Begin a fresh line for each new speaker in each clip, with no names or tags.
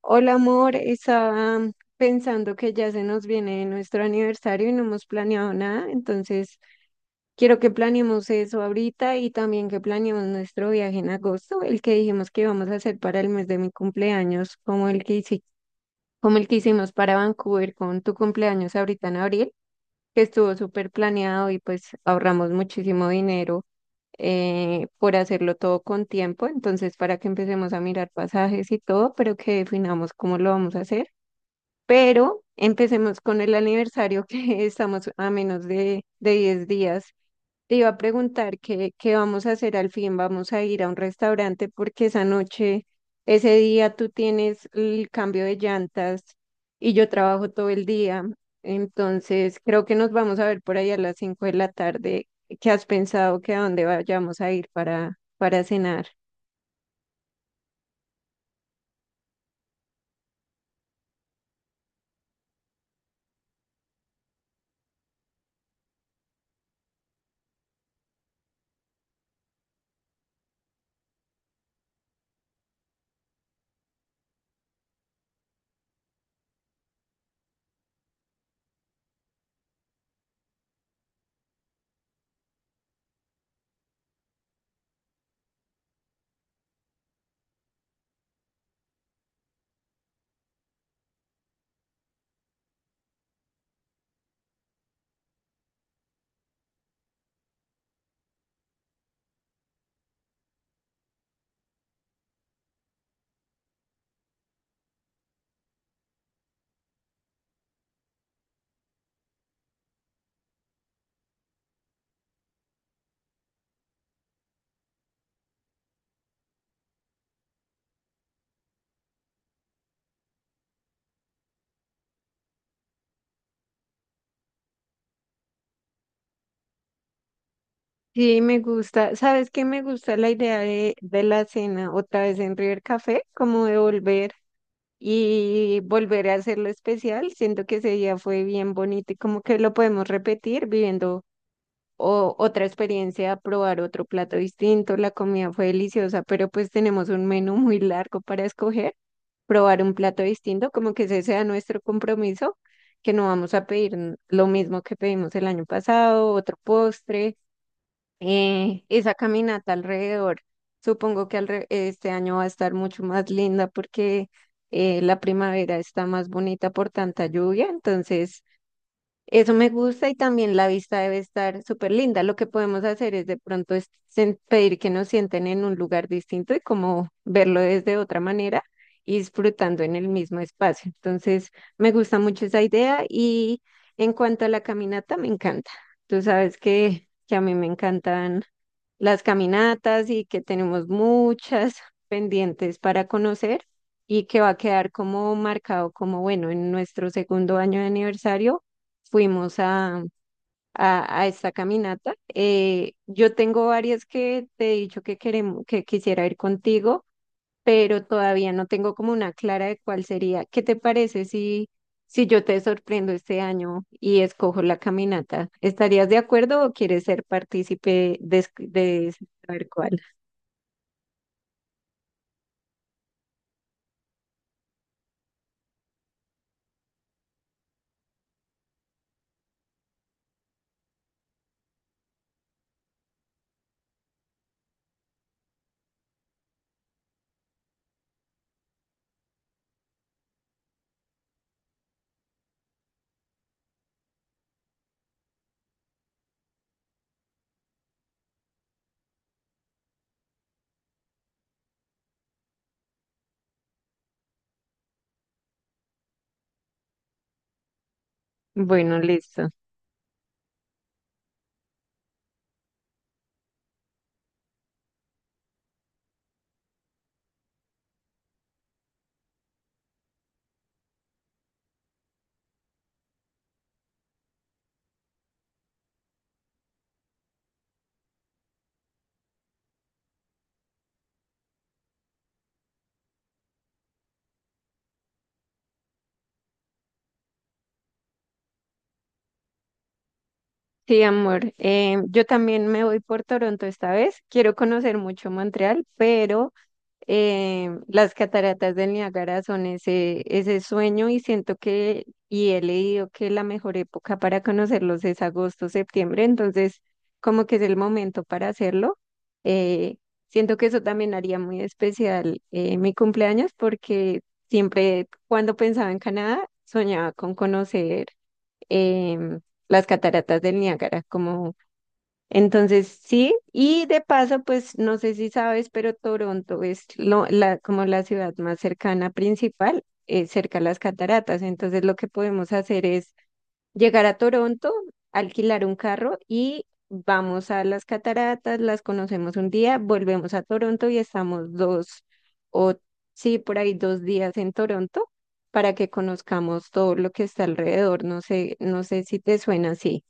Hola amor, estaba pensando que ya se nos viene nuestro aniversario y no hemos planeado nada, entonces quiero que planeemos eso ahorita y también que planeemos nuestro viaje en agosto, el que dijimos que íbamos a hacer para el mes de mi cumpleaños, como el que hicimos para Vancouver con tu cumpleaños ahorita en abril, que estuvo súper planeado y pues ahorramos muchísimo dinero por hacerlo todo con tiempo, entonces para que empecemos a mirar pasajes y todo, pero que definamos cómo lo vamos a hacer. Pero empecemos con el aniversario que estamos a menos de 10 días. Te iba a preguntar qué vamos a hacer al fin. ¿Vamos a ir a un restaurante? Porque esa noche, ese día tú tienes el cambio de llantas y yo trabajo todo el día. Entonces creo que nos vamos a ver por ahí a las 5 de la tarde. ¿Qué has pensado que a dónde vayamos a ir para cenar? Sí, me gusta. ¿Sabes qué? Me gusta la idea de la cena otra vez en River Café, como de volver y volver a hacerlo especial. Siento que ese día fue bien bonito y como que lo podemos repetir viviendo otra experiencia, probar otro plato distinto. La comida fue deliciosa, pero pues tenemos un menú muy largo para escoger. Probar un plato distinto, como que ese sea nuestro compromiso, que no vamos a pedir lo mismo que pedimos el año pasado, otro postre, esa caminata alrededor. Supongo que este año va a estar mucho más linda porque, la primavera está más bonita por tanta lluvia, entonces eso me gusta y también la vista debe estar súper linda. Lo que podemos hacer es de pronto pedir que nos sienten en un lugar distinto y como verlo desde otra manera y disfrutando en el mismo espacio. Entonces, me gusta mucho esa idea y en cuanto a la caminata, me encanta. Tú sabes que a mí me encantan las caminatas y que tenemos muchas pendientes para conocer y que va a quedar como marcado como, bueno, en nuestro segundo año de aniversario fuimos a esta caminata. Yo tengo varias que te he dicho que quisiera ir contigo, pero todavía no tengo como una clara de cuál sería. ¿Qué te parece si yo te sorprendo este año y escojo la caminata? ¿Estarías de acuerdo o quieres ser partícipe de saber cuál? Bueno, listo. Sí, amor. Yo también me voy por Toronto esta vez. Quiero conocer mucho Montreal, pero, las cataratas del Niágara son ese, ese sueño y siento que, y he leído que la mejor época para conocerlos es agosto, septiembre, entonces como que es el momento para hacerlo. Eh, Siento que eso también haría muy especial, mi cumpleaños porque siempre cuando pensaba en Canadá soñaba con conocer, em, las cataratas del Niágara como entonces, sí, y de paso, pues no sé si sabes, pero Toronto es como la ciudad más cercana principal, cerca a las cataratas. Entonces, lo que podemos hacer es llegar a Toronto, alquilar un carro y vamos a las cataratas, las conocemos un día, volvemos a Toronto y estamos dos o sí, por ahí 2 días en Toronto para que conozcamos todo lo que está alrededor. No sé si te suena así.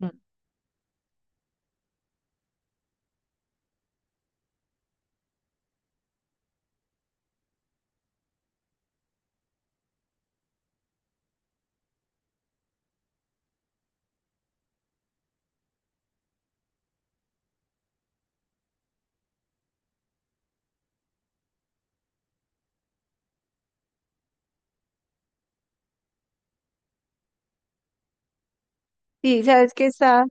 Mm. Sí, sabes que está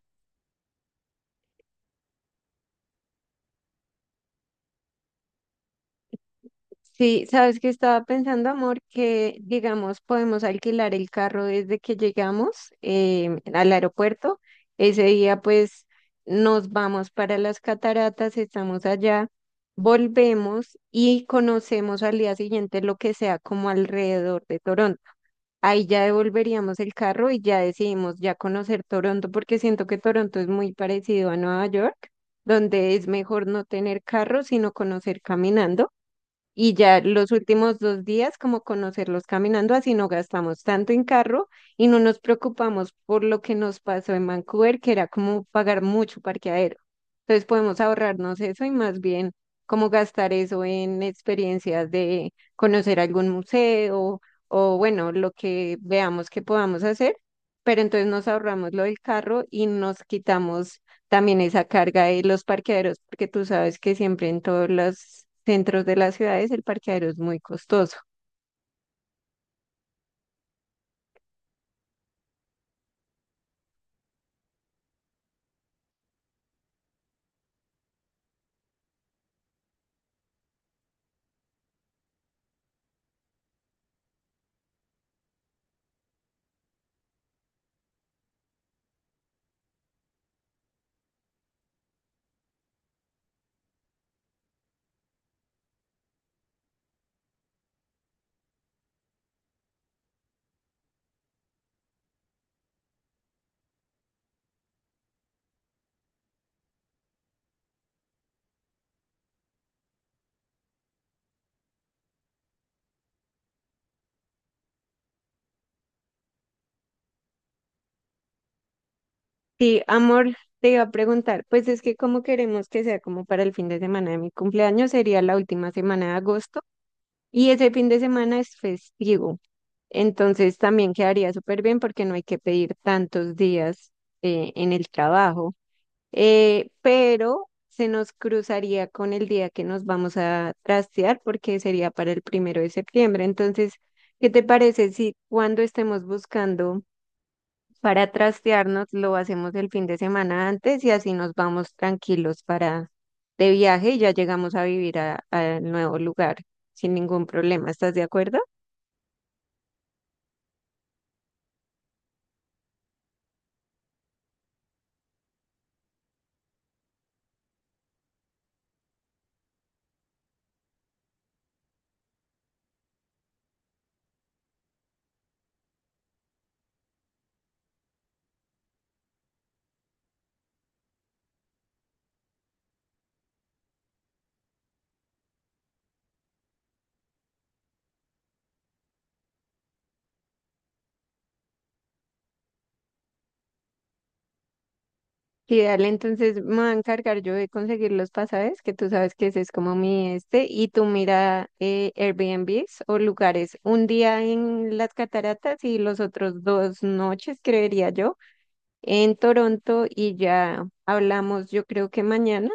Sí, sabes que estaba pensando, amor, que digamos podemos alquilar el carro desde que llegamos, al aeropuerto. Ese día pues nos vamos para las cataratas, estamos allá, volvemos y conocemos al día siguiente lo que sea como alrededor de Toronto. Ahí ya devolveríamos el carro y ya decidimos ya conocer Toronto porque siento que Toronto es muy parecido a Nueva York, donde es mejor no tener carro sino conocer caminando. Y ya los últimos 2 días, como conocerlos caminando, así no gastamos tanto en carro y no nos preocupamos por lo que nos pasó en Vancouver, que era como pagar mucho parqueadero. Entonces podemos ahorrarnos eso y más bien como gastar eso en experiencias de conocer algún museo o bueno, lo que veamos que podamos hacer, pero entonces nos ahorramos lo del carro y nos quitamos también esa carga de los parqueaderos, porque tú sabes que siempre en todos los centros de las ciudades el parqueadero es muy costoso. Sí, amor, te iba a preguntar, pues es que como queremos que sea como para el fin de semana de mi cumpleaños, sería la última semana de agosto y ese fin de semana es festivo, entonces también quedaría súper bien porque no hay que pedir tantos días, en el trabajo. Pero se nos cruzaría con el día que nos vamos a trastear porque sería para el 1 de septiembre. Entonces, ¿qué te parece si cuando estemos buscando para trastearnos lo hacemos el fin de semana antes y así nos vamos tranquilos para de viaje y ya llegamos a vivir al nuevo lugar sin ningún problema? ¿Estás de acuerdo? Y dale, entonces me voy a encargar yo de conseguir los pasajes, que tú sabes que ese es como mi este, y tú mira, Airbnbs o lugares, un día en las cataratas y los otros 2 noches, creería yo, en Toronto y ya hablamos, yo creo que mañana,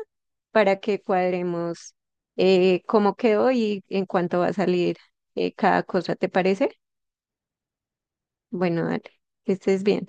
para que cuadremos, cómo quedó y en cuánto va a salir, cada cosa, ¿te parece? Bueno, dale, que estés bien.